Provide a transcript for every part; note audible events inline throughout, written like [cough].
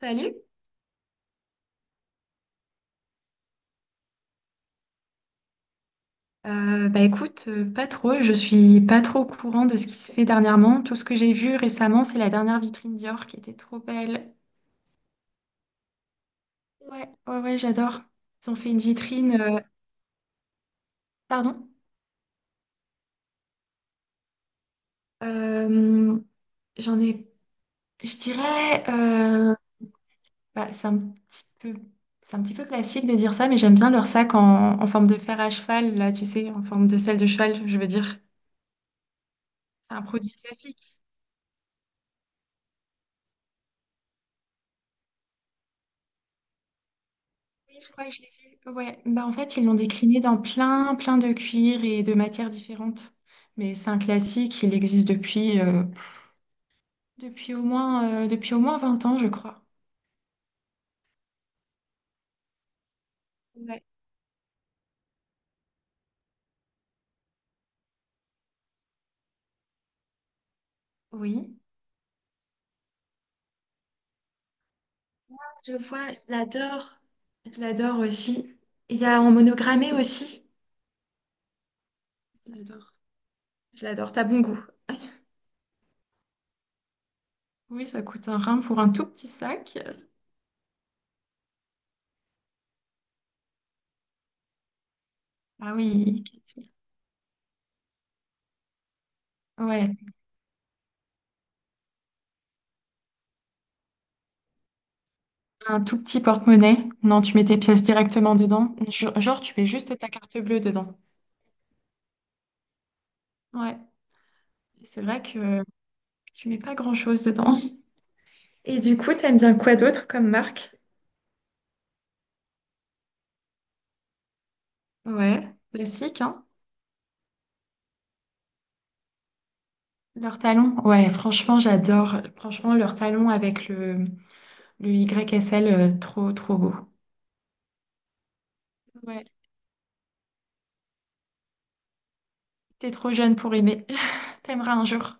Salut. Bah écoute, pas trop. Je suis pas trop au courant de ce qui se fait dernièrement. Tout ce que j'ai vu récemment, c'est la dernière vitrine Dior qui était trop belle. Ouais, ouais, ouais, j'adore. Ils ont fait une vitrine. Pardon? Euh, j'en ai. Je dirais. C'est un petit peu. C'est un petit peu classique de dire ça, mais j'aime bien leur sac en forme de fer à cheval, là, tu sais, en forme de selle de cheval, je veux dire. C'est un produit classique. Oui, je crois que je l'ai vu. Ouais, bah en fait, ils l'ont décliné dans plein de cuirs et de matières différentes. Mais c'est un classique, il existe depuis au moins, depuis au moins vingt ans, je crois. Ouais. Oui, je vois, je l'adore aussi. Il y a en monogrammé aussi. Je l'adore. Je l'adore, t'as bon goût. Oui, ça coûte un rein pour un tout petit sac. Ah oui, Katie. Ouais, un tout petit porte-monnaie. Non, tu mets tes pièces directement dedans. Genre, tu mets juste ta carte bleue dedans. Ouais. C'est vrai que tu mets pas grand-chose dedans. Et du coup, t'aimes bien quoi d'autre comme marque? Ouais, classique, hein? Leurs talons. Ouais, franchement, j'adore. Franchement, leurs talons avec le YSL, trop beau. Ouais, t'es trop jeune pour aimer. [laughs] T'aimeras un jour.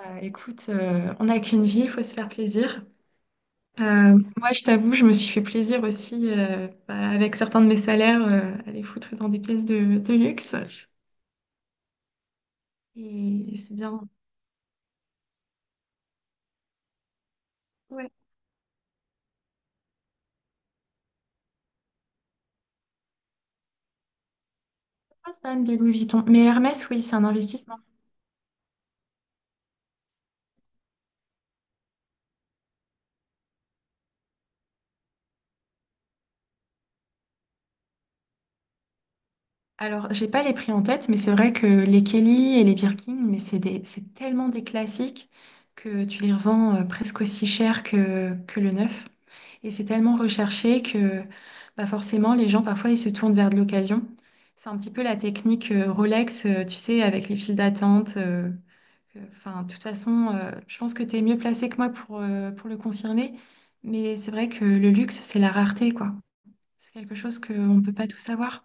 Écoute, on n'a qu'une vie, il faut se faire plaisir. Moi, je t'avoue, je me suis fait plaisir aussi bah, avec certains de mes salaires, à les foutre dans des pièces de luxe. Et c'est bien. Ouais. Pas fan de Louis Vuitton, mais Hermès, oui, c'est un investissement. Alors, j'ai pas les prix en tête, mais c'est vrai que les Kelly et les Birkin, mais c'est des, c'est tellement des classiques que tu les revends presque aussi cher que le neuf. Et c'est tellement recherché que bah forcément, les gens, parfois, ils se tournent vers de l'occasion. C'est un petit peu la technique Rolex, tu sais, avec les files d'attente. De toute façon, je pense que tu es mieux placé que moi pour le confirmer. Mais c'est vrai que le luxe, c'est la rareté, quoi. C'est quelque chose qu'on ne peut pas tout savoir,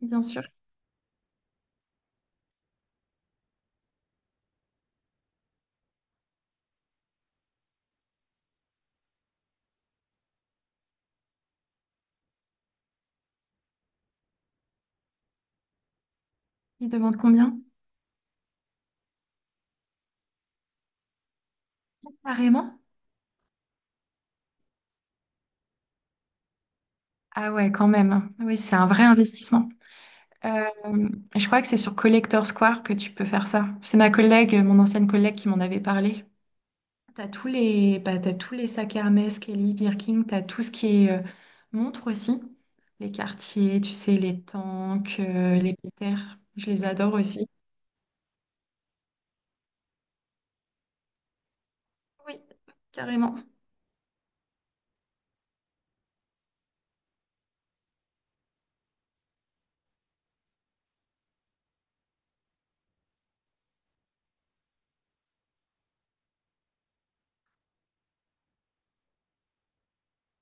bien sûr. Il demande combien? Carrément? Ah ouais, quand même. Oui, c'est un vrai investissement. Euh, je crois que c'est sur Collector Square que tu peux faire ça. C'est ma collègue, mon ancienne collègue qui m'en avait parlé. T'as tous les, bah, t'as tous les sacs Hermès, Kelly, Birkin, t'as tout ce qui est montre aussi. Les quartiers, tu sais, les tanks, les Péters. Je les adore aussi. Oui, carrément.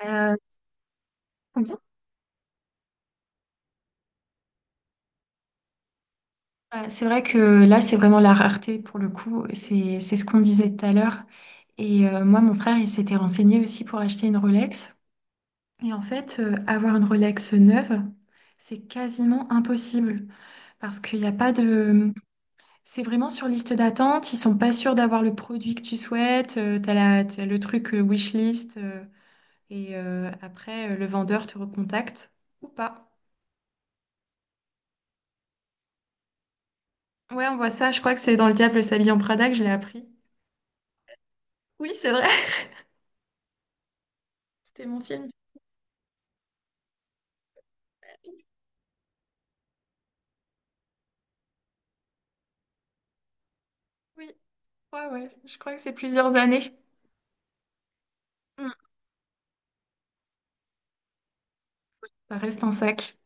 Euh, combien. Bah, c'est vrai que là, c'est vraiment la rareté pour le coup. C'est ce qu'on disait tout à l'heure. Et moi, mon frère, il s'était renseigné aussi pour acheter une Rolex. Et en fait, avoir une Rolex neuve, c'est quasiment impossible parce qu'il n'y a pas de... C'est vraiment sur liste d'attente. Ils sont pas sûrs d'avoir le produit que tu souhaites. T'as la, t'as le truc wishlist. Après, le vendeur te recontacte ou pas. Ouais, on voit ça. Je crois que c'est dans Le Diable s'habille en Prada que je l'ai appris. Oui, c'est vrai. [laughs] C'était mon film. Oui, ouais, ouais. Je crois que c'est plusieurs années. Mm. Ça reste un sac.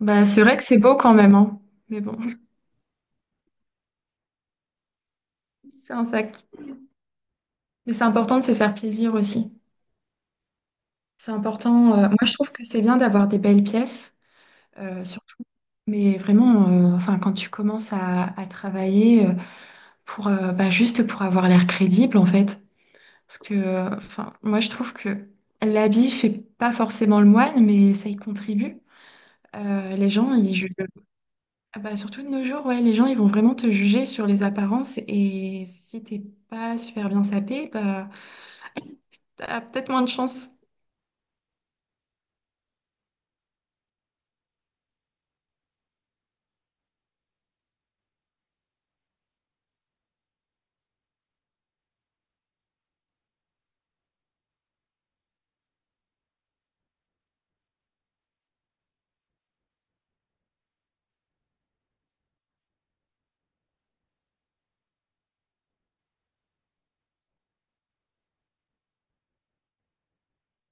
Bah, c'est vrai que c'est beau quand même, hein. Mais bon, [laughs] c'est un sac. Mais c'est important de se faire plaisir aussi. C'est important. Moi, je trouve que c'est bien d'avoir des belles pièces, surtout. Mais vraiment, quand tu commences à travailler pour, bah, juste pour avoir l'air crédible, en fait. Parce que moi, je trouve que l'habit fait pas forcément le moine, mais ça y contribue. Les gens, ils jugent. Ah bah, surtout de nos jours, ouais, les gens ils vont vraiment te juger sur les apparences et si t'es pas super bien sapé, bah, [laughs] t'as peut-être moins de chance.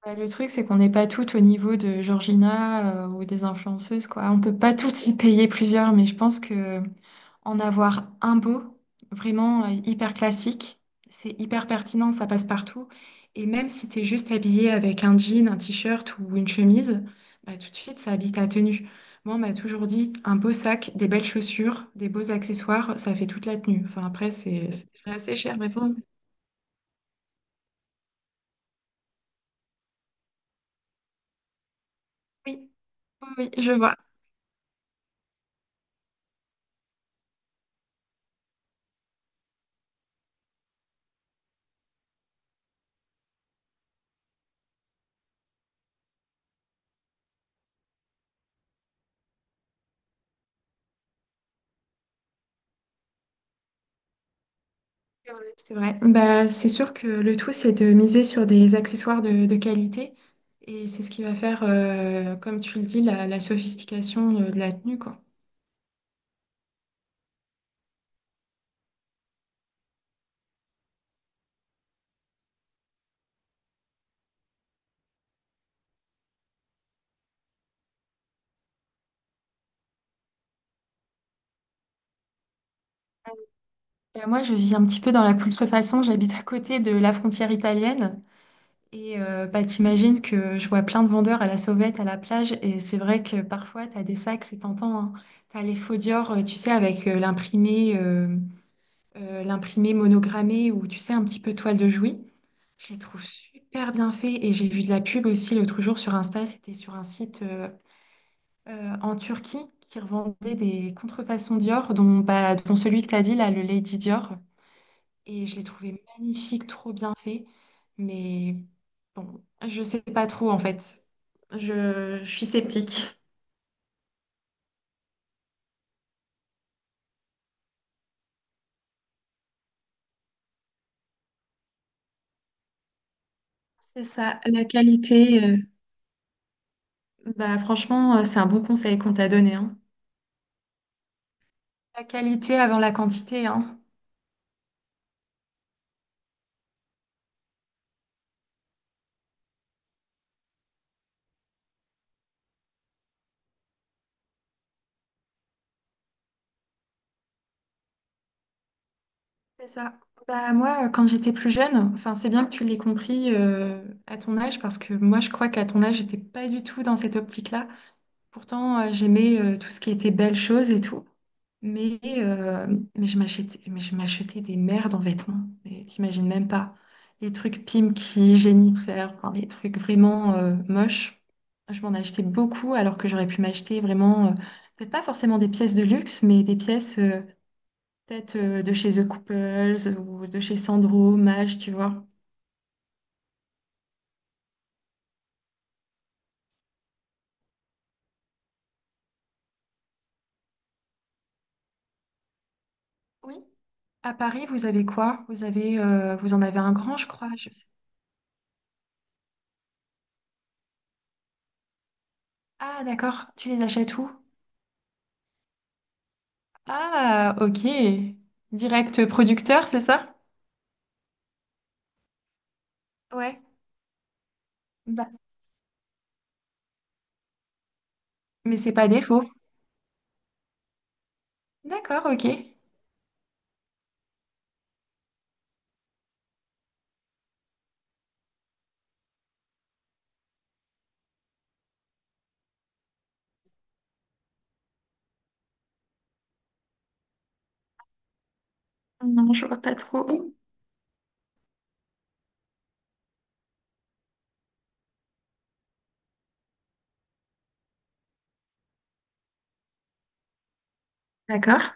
Bah, le truc, c'est qu'on n'est pas toutes au niveau de Georgina ou des influenceuses, quoi. On peut pas toutes y payer plusieurs, mais je pense que en avoir un beau, vraiment hyper classique. C'est hyper pertinent, ça passe partout. Et même si tu es juste habillé avec un jean, un t-shirt ou une chemise, bah, tout de suite, ça habite ta tenue. Moi, on m'a toujours dit un beau sac, des belles chaussures, des beaux accessoires, ça fait toute la tenue. Enfin, après, c'est assez cher, mais bon. Oui, oui, oui, je vois. Ouais, c'est vrai. Bah, c'est sûr que le tout, c'est de miser sur des accessoires de qualité. Et c'est ce qui va faire, comme tu le dis, la sophistication de la tenue, quoi. Bah, moi, je vis un petit peu dans la contrefaçon. J'habite à côté de la frontière italienne. Et bah, t'imagines que je vois plein de vendeurs à la sauvette, à la plage. Et c'est vrai que parfois, t'as des sacs, c'est tentant, hein. T'as les faux Dior, tu sais, avec l'imprimé monogrammé ou, tu sais, un petit peu toile de Jouy. Je les trouve super bien faits et j'ai vu de la pub aussi l'autre jour sur Insta, c'était sur un site en Turquie qui revendait des contrefaçons Dior, dont celui que tu as dit là, le Lady Dior. Et je l'ai trouvé magnifique, trop bien fait. Mais bon, je sais pas trop en fait. Je suis sceptique. C'est ça, la qualité. Bah, franchement, c'est un bon conseil qu'on t'a donné, hein. La qualité avant la quantité, hein. C'est ça. Bah, moi, quand j'étais plus jeune, enfin, c'est bien que tu l'aies compris à ton âge, parce que moi, je crois qu'à ton âge, j'étais pas du tout dans cette optique-là. Pourtant, j'aimais tout ce qui était belles choses et tout. Mais, euh, mais je m'achetais des merdes en vêtements. Mais t'imagines même pas. Les trucs Pimkie, Jennifer, enfin, les trucs vraiment moches. Je m'en achetais beaucoup, alors que j'aurais pu m'acheter vraiment, peut-être pas forcément des pièces de luxe, mais des pièces. Peut-être de chez The Couples ou de chez Sandro, Mage, tu vois. Oui. À Paris, vous avez quoi? Vous avez, vous en avez un grand, je crois. Je sais- Ah, d'accord. Tu les achètes où? Ah, ok. Direct producteur, c'est ça? Ouais. Bah, mais c'est pas défaut. D'accord, ok. Non, je vois pas trop. D'accord,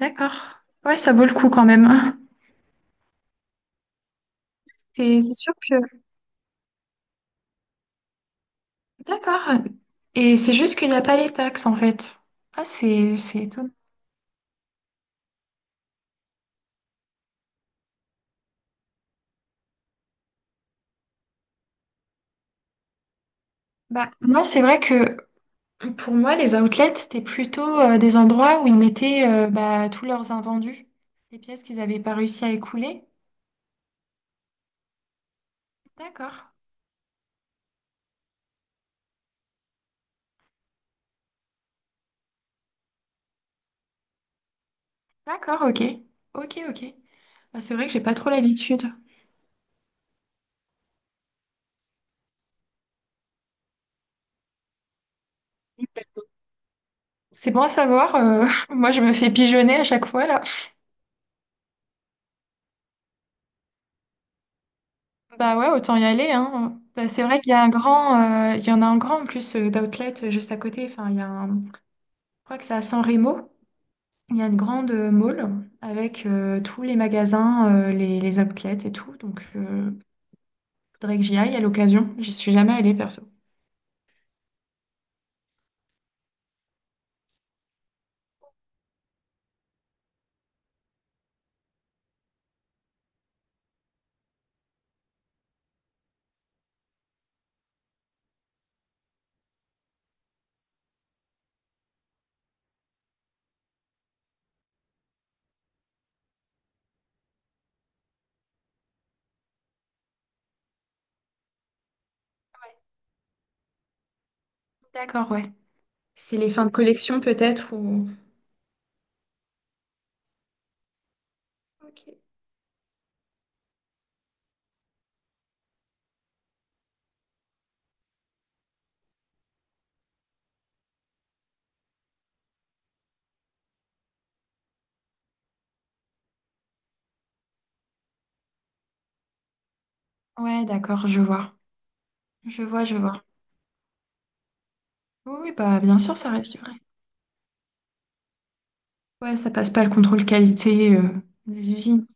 d'accord. Ouais, ça vaut le coup quand même, hein. C'est sûr que... D'accord. Et c'est juste qu'il n'y a pas les taxes en fait. Ah, c'est étonnant. Bah, moi, c'est vrai que pour moi, les outlets, c'était plutôt des endroits où ils mettaient bah, tous leurs invendus, les pièces qu'ils n'avaient pas réussi à écouler. D'accord, d'accord, ok, ok, ok. Bah, c'est vrai que j'ai pas trop l'habitude. C'est bon à savoir. [laughs] Moi, je me fais pigeonner à chaque fois là. Bah ouais, autant y aller, hein. Bah, c'est vrai qu'il y a un grand, il y en a un grand en plus d'outlet juste à côté. Enfin, il y a un- Je crois que c'est à San Remo. Il y a une grande mall avec tous les magasins, les outlets et tout. Donc, faudrait que j'y aille à l'occasion. J'y suis jamais allée perso. Ouais. D'accord, ouais. C'est les fins de collection peut-être ou... Ok. Ouais, d'accord, je vois. Je vois, je vois. Oui, oui, bah bien sûr, ça reste du vrai. Ouais, ça passe pas le contrôle qualité des usines.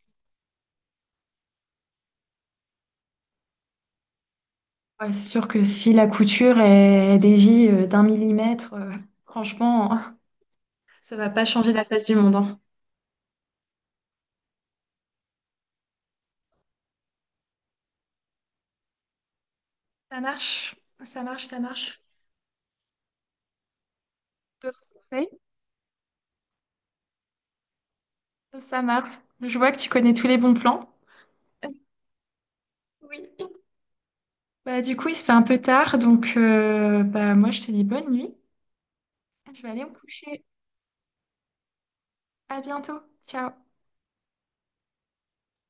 Ouais, c'est sûr que si la couture est dévie d'un millimètre, franchement, [laughs] ça va pas changer la face du monde, hein. Ça marche, ça marche, ça marche. D'autres conseils? Ça marche. Je vois que tu connais tous les bons plans. [laughs] Oui. Bah, du coup, il se fait un peu tard, donc bah, moi, je te dis bonne nuit. Je vais aller me coucher. À bientôt. Ciao.